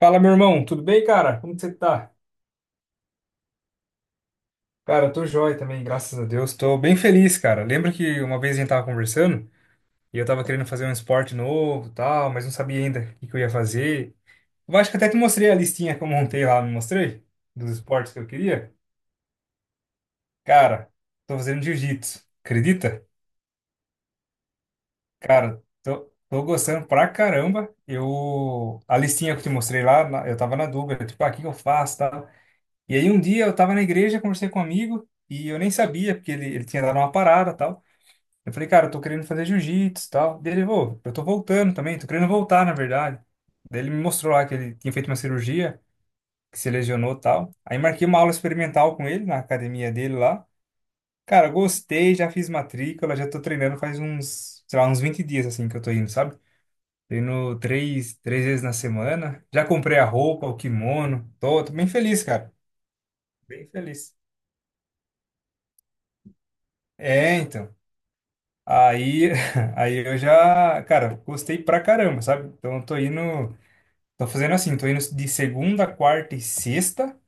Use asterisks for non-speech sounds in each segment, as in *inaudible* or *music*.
Fala, meu irmão, tudo bem, cara? Como que você tá? Cara, eu tô joia também, graças a Deus. Tô bem feliz, cara. Lembra que uma vez a gente tava conversando e eu tava querendo fazer um esporte novo, e tal, mas não sabia ainda o que que eu ia fazer. Eu acho que até te mostrei a listinha que eu montei lá, não mostrei? Dos esportes que eu queria. Cara, tô fazendo jiu-jitsu. Acredita? Cara, tô gostando pra caramba. Eu a listinha que eu te mostrei lá, eu tava na dúvida, tipo, ah, o que que eu faço, tá? E aí um dia eu tava na igreja, conversei com um amigo e eu nem sabia, porque ele tinha dado uma parada e tal. Eu falei, cara, eu tô querendo fazer jiu-jitsu e tal. Daí ele, "Vô, eu tô voltando também, tô querendo voltar, na verdade. Daí ele me mostrou lá que ele tinha feito uma cirurgia, que se lesionou e tal. Aí marquei uma aula experimental com ele na academia dele lá. Cara, gostei, já fiz matrícula, já tô treinando faz uns, sei lá, uns 20 dias assim que eu tô indo, sabe? Treino três vezes na semana. Já comprei a roupa, o kimono. Tô bem feliz, cara. Bem feliz. É, então. Aí, *laughs* aí eu já, cara, gostei pra caramba, sabe? Então eu tô indo, tô fazendo assim, tô indo de segunda, quarta e sexta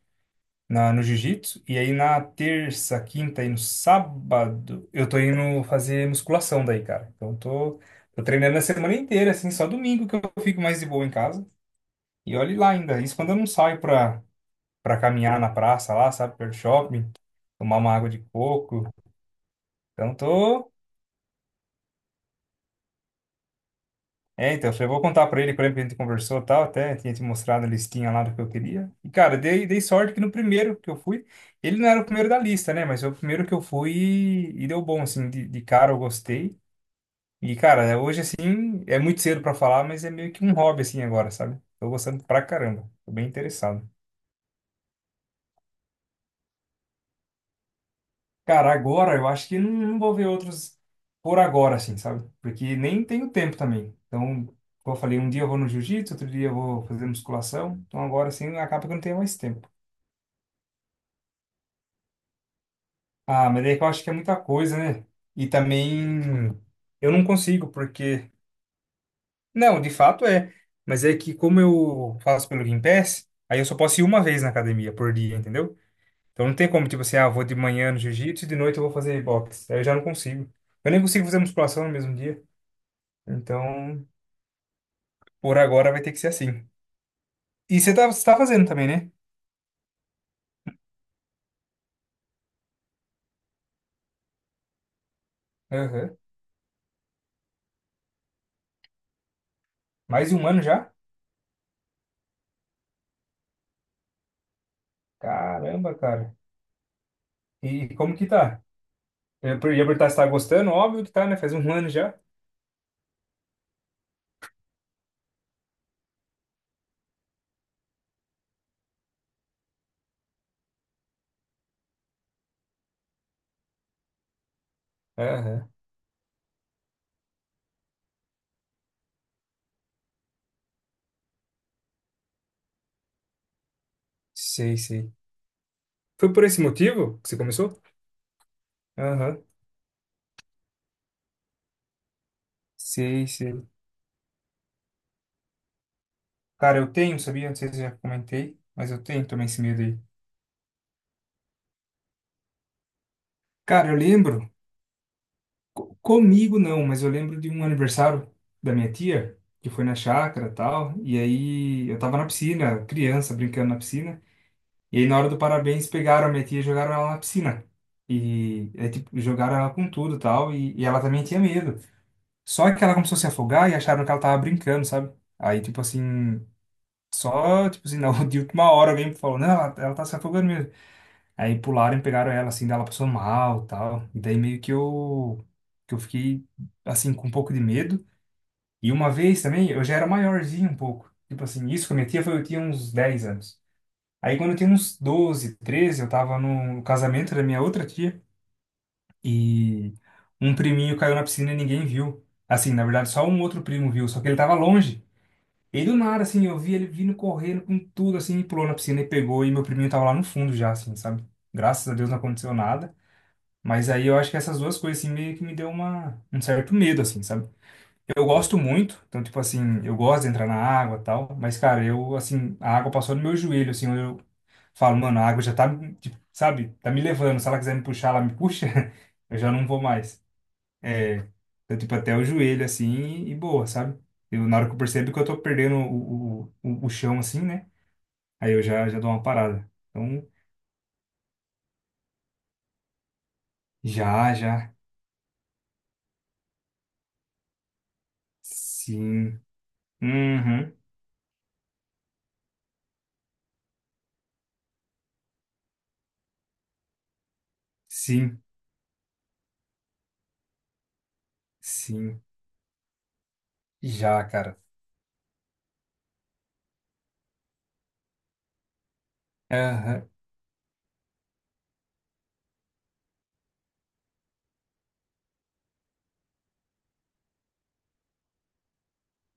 no jiu-jitsu, e aí na terça, quinta e no sábado eu tô indo fazer musculação daí, cara. Então eu tô, tô treinando a semana inteira, assim, só domingo que eu fico mais de boa em casa. E olhe lá ainda, isso quando eu não saio pra, caminhar na praça lá, sabe, perto do shopping, tomar uma água de coco. Então tô, É, então, eu falei, vou contar pra ele, que eu lembro que a gente conversou e tal, até tinha te mostrado a listinha lá do que eu queria. E, cara, dei sorte que no primeiro que eu fui, ele não era o primeiro da lista, né? Mas foi o primeiro que eu fui e deu bom, assim, de cara eu gostei. E, cara, é, hoje, assim, é muito cedo pra falar, mas é meio que um hobby, assim, agora, sabe? Tô gostando pra caramba, tô bem interessado. Cara, agora eu acho que não, não vou ver outros por agora, assim, sabe? Porque nem tenho tempo também. Então, como eu falei, um dia eu vou no jiu-jitsu, outro dia eu vou fazer musculação. Então, agora assim, acaba que eu não tenho mais tempo. Ah, mas daí que eu acho que é muita coisa, né? E também eu não consigo, porque. Não, de fato é. Mas é que como eu faço pelo Game aí eu só posso ir uma vez na academia por dia, entendeu? Então não tem como, tipo assim, ah, eu vou de manhã no jiu-jitsu e de noite eu vou fazer boxe. Aí eu já não consigo. Eu nem consigo fazer musculação no mesmo dia. Então, por agora vai ter que ser assim. E você tá fazendo também, né? Aham. Mais um ano já? Caramba, cara. E como que tá? Eu ia perguntar se tá gostando, óbvio que tá, né? Faz um ano já. Aham. Sei, sei. Foi por esse motivo que você começou? Aham. Sei, sei. Cara, eu tenho, sabia? Não sei se eu já comentei, mas eu tenho também esse medo aí. Cara, eu lembro, comigo não, mas eu lembro de um aniversário da minha tia, que foi na chácara e tal, e aí eu tava na piscina, criança, brincando na piscina. E aí, na hora do parabéns, pegaram a minha tia e jogaram ela na piscina. E, é, tipo, jogaram ela com tudo e tal. E ela também tinha medo. Só que ela começou a se afogar e acharam que ela tava brincando, sabe? Aí, tipo assim, só, tipo assim, na, *laughs* de última hora alguém falou: Não, ela tá se afogando mesmo. Aí pularam e pegaram ela, assim, daí ela passou mal e tal. E daí meio que eu fiquei, assim, com um pouco de medo. E uma vez também, eu já era maiorzinho um pouco. Tipo assim, isso com a minha tia foi, eu tinha uns 10 anos. Aí quando eu tinha uns 12, 13, eu tava no casamento da minha outra tia e um priminho caiu na piscina e ninguém viu. Assim, na verdade, só um outro primo viu, só que ele tava longe. E do nada, assim, eu vi ele vindo correndo com tudo, assim, e pulou na piscina e pegou, e meu priminho tava lá no fundo já, assim, sabe? Graças a Deus não aconteceu nada. Mas aí eu acho que essas duas coisas, assim, meio que me deu uma, um certo medo, assim, sabe? Eu gosto muito, então, tipo assim, eu gosto de entrar na água e tal, mas, cara, eu, assim, a água passou no meu joelho, assim, Falo, mano, a água já tá, tipo, sabe, tá me levando. Se ela quiser me puxar, ela me puxa, *laughs* eu já não vou mais. Eu, tipo, até o joelho, assim, e, boa, sabe? Eu, na hora que eu percebo que eu tô perdendo o chão, assim, né? Aí eu já, já dou uma parada. Então, já, já. Sim. Uhum. Sim, sim. Já, cara. Aham.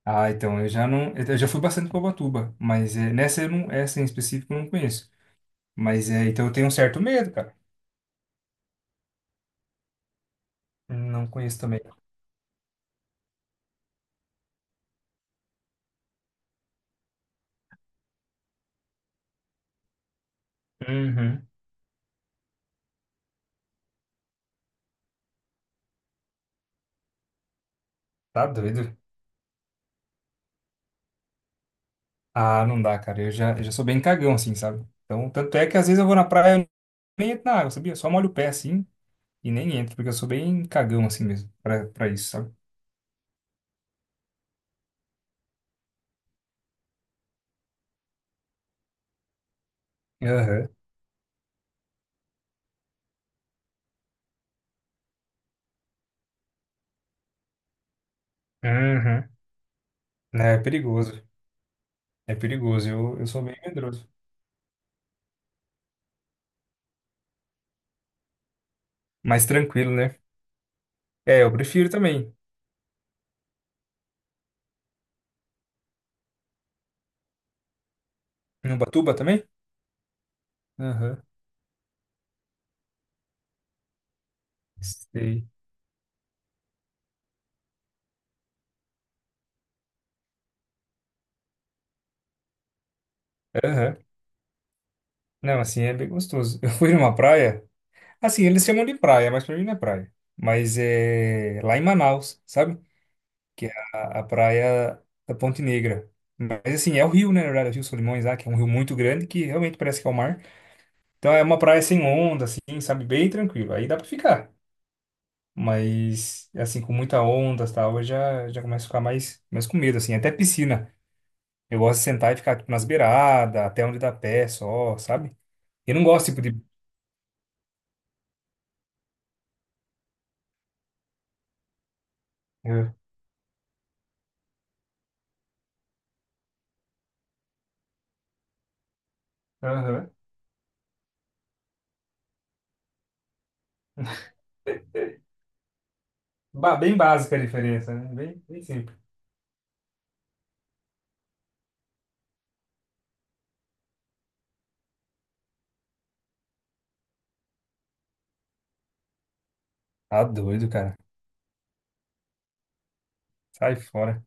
Ah, então, eu já não. Eu já fui bastante pra Ubatuba, mas é, nessa eu não, essa em específico eu não conheço. Mas é, então eu tenho um certo medo, cara. Não conheço também. Uhum. Tá doido? Ah, não dá, cara. Eu já sou bem cagão, assim, sabe? Então, tanto é que às vezes eu vou na praia e nem entro na água, sabia? Eu só molho o pé, assim, e nem entro, porque eu sou bem cagão, assim mesmo, pra, isso, sabe? Aham. Uhum. Né, é perigoso. É perigoso. Eu sou bem medroso. Mais tranquilo, né? É, eu prefiro também. Em Ubatuba também? Aham. Sei. Aham. Não, assim, é bem gostoso. *laughs* Eu fui numa praia. Assim, eles chamam de praia, mas pra mim não é praia. Mas é lá em Manaus, sabe? Que é a praia da Ponte Negra. Mas assim, é o rio, né? Na verdade, é o Rio Solimões lá, que é um rio muito grande que realmente parece que é o mar. Então é uma praia sem onda, assim, sabe? Bem tranquilo. Aí dá pra ficar. Mas, assim, com muita onda e tal, eu já, já começo a ficar mais com medo, assim. Até piscina. Eu gosto de sentar e ficar, tipo, nas beiradas, até onde dá pé só, sabe? Eu não gosto, tipo, de... É. Aham. Bem básica a diferença, né? Bem, bem simples. Tá doido, cara. Sai fora.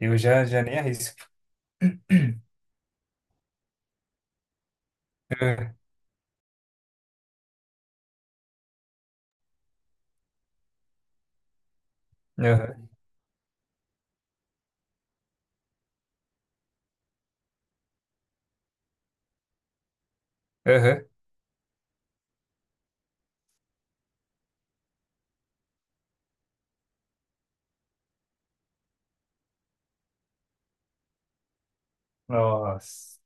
Eu já, já nem arrisco. *clears throat* É. Aham. Aham. Nossa,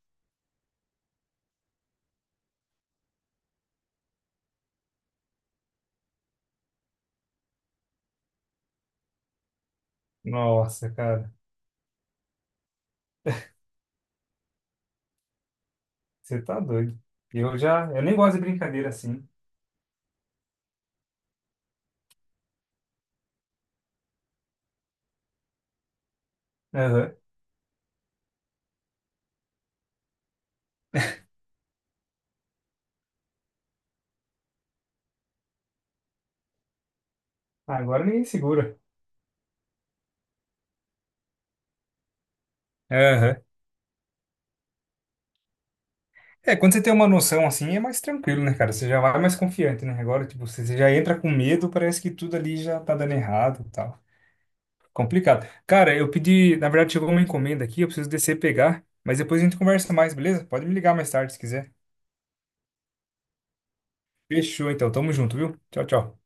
nossa, cara, você tá doido. Eu já, eu nem gosto de brincadeira assim. Aham. Agora ninguém segura. Aham. É, quando você tem uma noção assim, é mais tranquilo, né, cara? Você já vai mais confiante, né? Agora, tipo, você já entra com medo, parece que tudo ali já tá dando errado e tal. Complicado. Cara, eu pedi, na verdade, chegou uma encomenda aqui, eu preciso descer e pegar, mas depois a gente conversa mais, beleza? Pode me ligar mais tarde se quiser. Fechou, então. Tamo junto, viu? Tchau, tchau.